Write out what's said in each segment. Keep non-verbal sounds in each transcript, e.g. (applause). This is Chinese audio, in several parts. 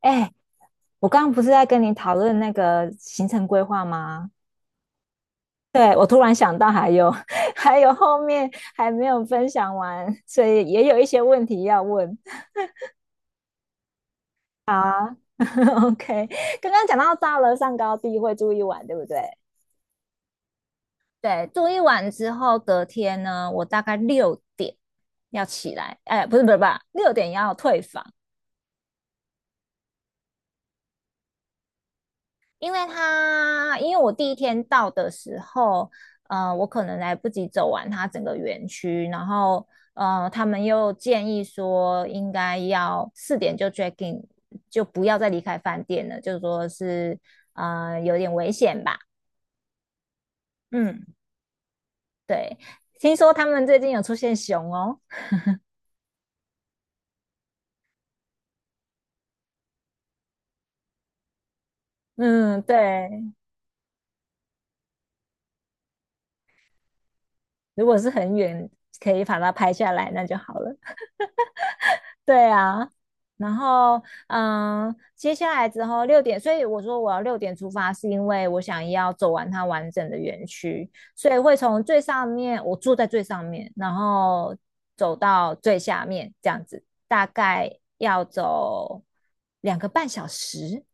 哎，我刚刚不是在跟你讨论那个行程规划吗？对，我突然想到还有 (laughs) 还有后面还没有分享完，所以也有一些问题要问。好啊 (laughs)，OK，刚刚讲到到了上高地会住一晚，对不对？对，住一晚之后，隔天呢，我大概六点要起来。哎，不是不是不是，六点要退房。因为他，因为我第一天到的时候，我可能来不及走完它整个园区，然后，他们又建议说应该要4点就 check in，就不要再离开饭店了，就说是，有点危险吧。嗯，对。听说他们最近有出现熊哦。嗯，对。如果是很远可以把它拍下来，那就好了。对啊。然后接下来之后六点，所以我说我要六点出发，是因为我想要走完它完整的园区。所以会从最上面，我住在最上面，然后走到最下面这样子，大概要走两个半小时。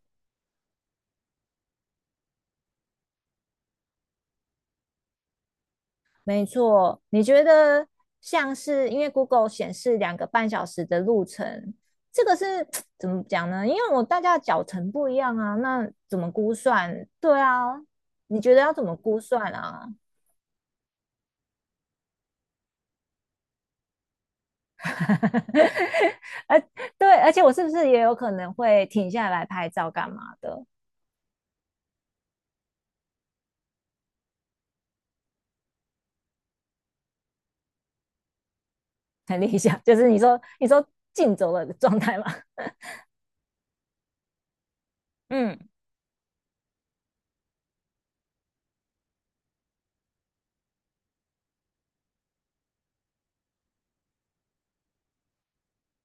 没错，你觉得像是因为 Google 显示2个半小时的路程，这个是 (tsk) 怎么讲呢？因为我大家的脚程不一样啊，那怎么估算？对啊，你觉得要怎么估算啊？(laughs) 而对，而且我是不是也有可能会停下来拍照干嘛的？(laughs) 很理想，就是你说竞走的状态嘛。(laughs) 嗯，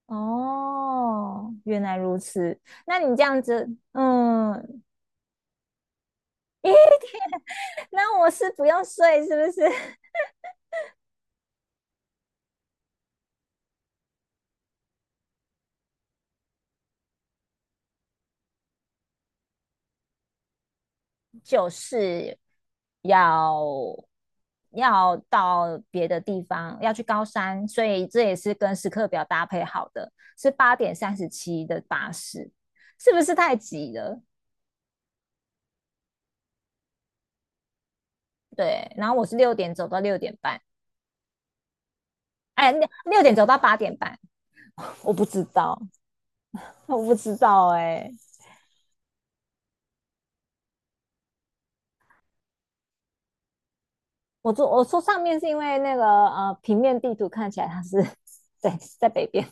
哦，原来如此。那你这样子，嗯，那我是不用睡，是不是？(laughs) 就是要要到别的地方，要去高山，所以这也是跟时刻表搭配好的，是8:37的巴士。是不是太急了？对，然后我是六点走到6点半，哎，六点走到8点半，我不知道，我不知道、哎、欸我坐我说上面是因为那个平面地图看起来它是 (laughs) 对在北边，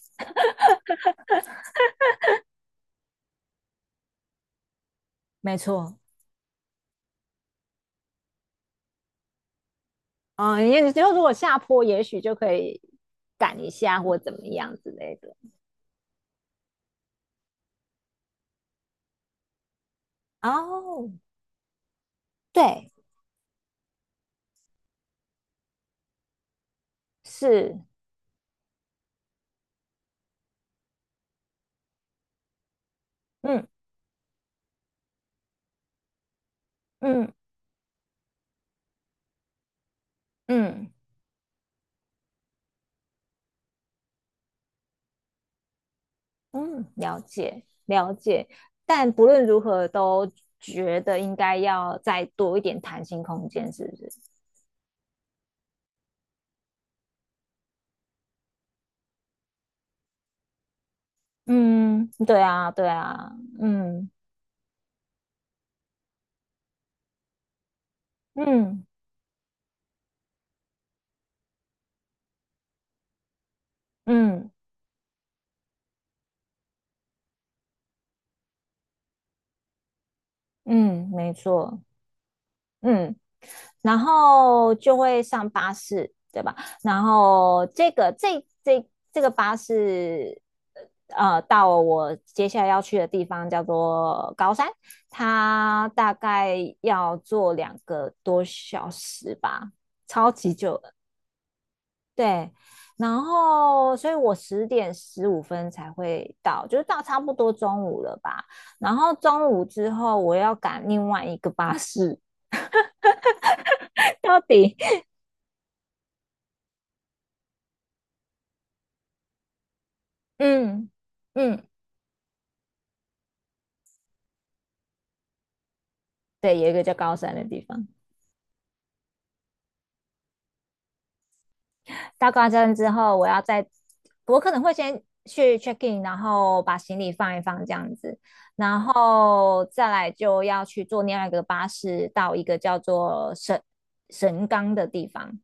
没错。嗯，也就如果下坡，也许就可以赶一下或怎么样之类的。哦，对，是，嗯嗯嗯嗯，了解了解。但不论如何，都觉得应该要再多一点弹性空间，是不是？嗯，对啊对啊，嗯嗯嗯嗯，没错。嗯，然后就会上巴士，对吧？然后这个巴士，到我接下来要去的地方叫做高山，它大概要坐2个多小时吧，超级久的。对，然后所以我10:15才会到，就是到差不多中午了吧。然后中午之后，我要赶另外一个巴士。(laughs) 到底。嗯嗯，对，有一个叫高山的地方。到高山之后，我要再，我可能会先去 check in，然后把行李放一放这样子，然后再来就要去坐另外一个巴士到一个叫做神冈的地方。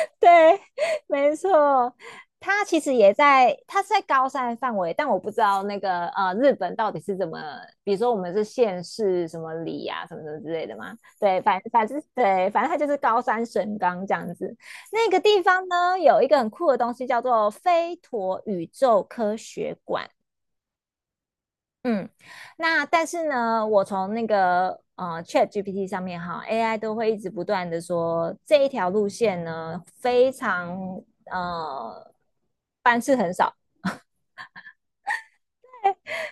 (laughs) 对，没错。他其实也在，他是在高山范围，但我不知道那个日本到底是怎么，比如说我们是县市什么里啊，什么什么之类的嘛。对，反正对，反正它就是高山神冈这样子。那个地方呢，有一个很酷的东西叫做飞陀宇宙科学馆。嗯，那但是呢，我从那个ChatGPT 上面哈，AI 都会一直不断的说这一条路线呢非常呃班次很少，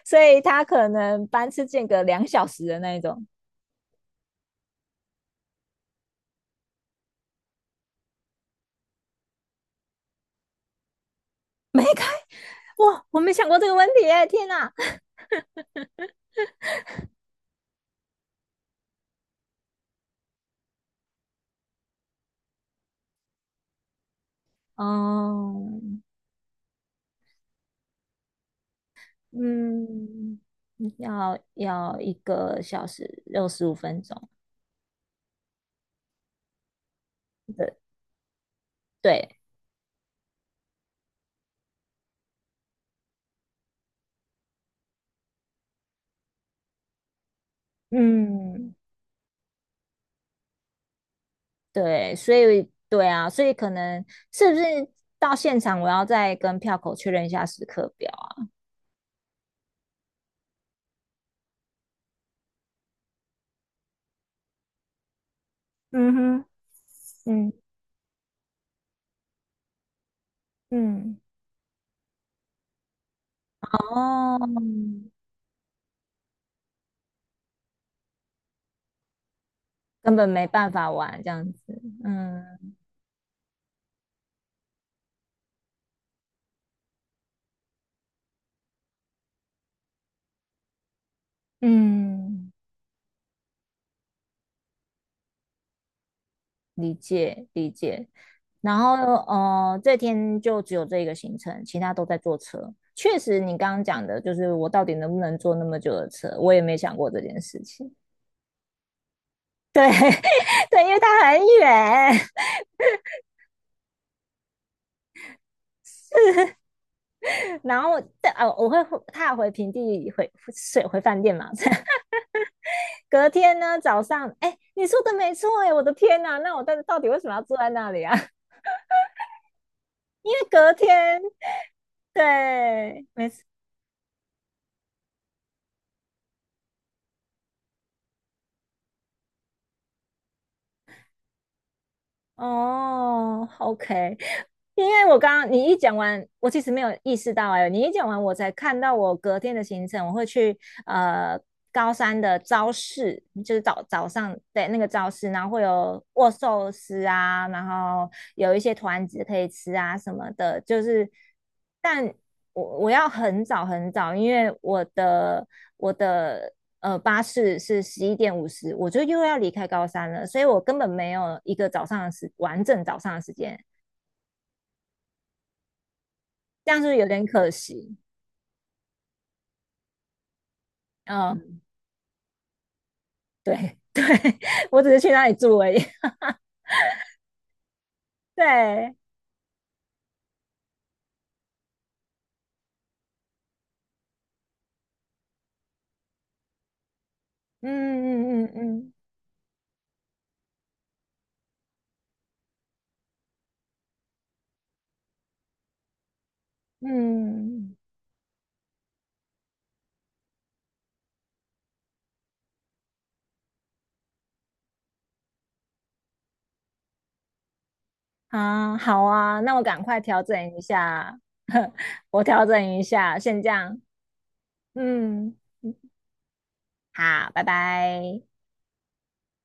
所以它可能班次间隔2小时的那一种没开。哇，我没想过这个问题耶天哪。嗯嗯，要1个小时65分钟。对对，嗯。对，所以对啊，所以可能是不是到现场我要再跟票口确认一下时刻表啊？嗯哼，嗯嗯哦，根本没办法玩这样子。嗯，嗯，理解理解。然后这天就只有这个行程，其他都在坐车。确实，你刚刚讲的就是我到底能不能坐那么久的车，我也没想过这件事情。(laughs) 对，因为它很远。然后但我会踏回平地回睡回饭店嘛。(laughs) 隔天呢早上，哎、欸你说的没错，哎、欸我的天呐，啊那我到底为什么要坐在那里啊？(laughs) 因为隔天，对，没错。哦，OK，因为我刚刚你一讲完，我其实没有意识到，哎、欸你一讲完，我才看到我隔天的行程，我会去呃高山的朝市，就是早上对那个朝市，然后会有握寿司啊，然后有一些团子可以吃啊什么的，就是但我要很早很早，因为我的巴士是11:50，我就又要离开高山了，所以我根本没有一个早上的完整早上的时间。这样不是有点可惜。嗯，嗯对对，(laughs) 我只是去那里住而已。(laughs) 对，嗯嗯嗯嗯嗯，嗯啊，好啊，那我赶快调整一下，(laughs) 我调整一下，先这样。嗯，好，拜拜。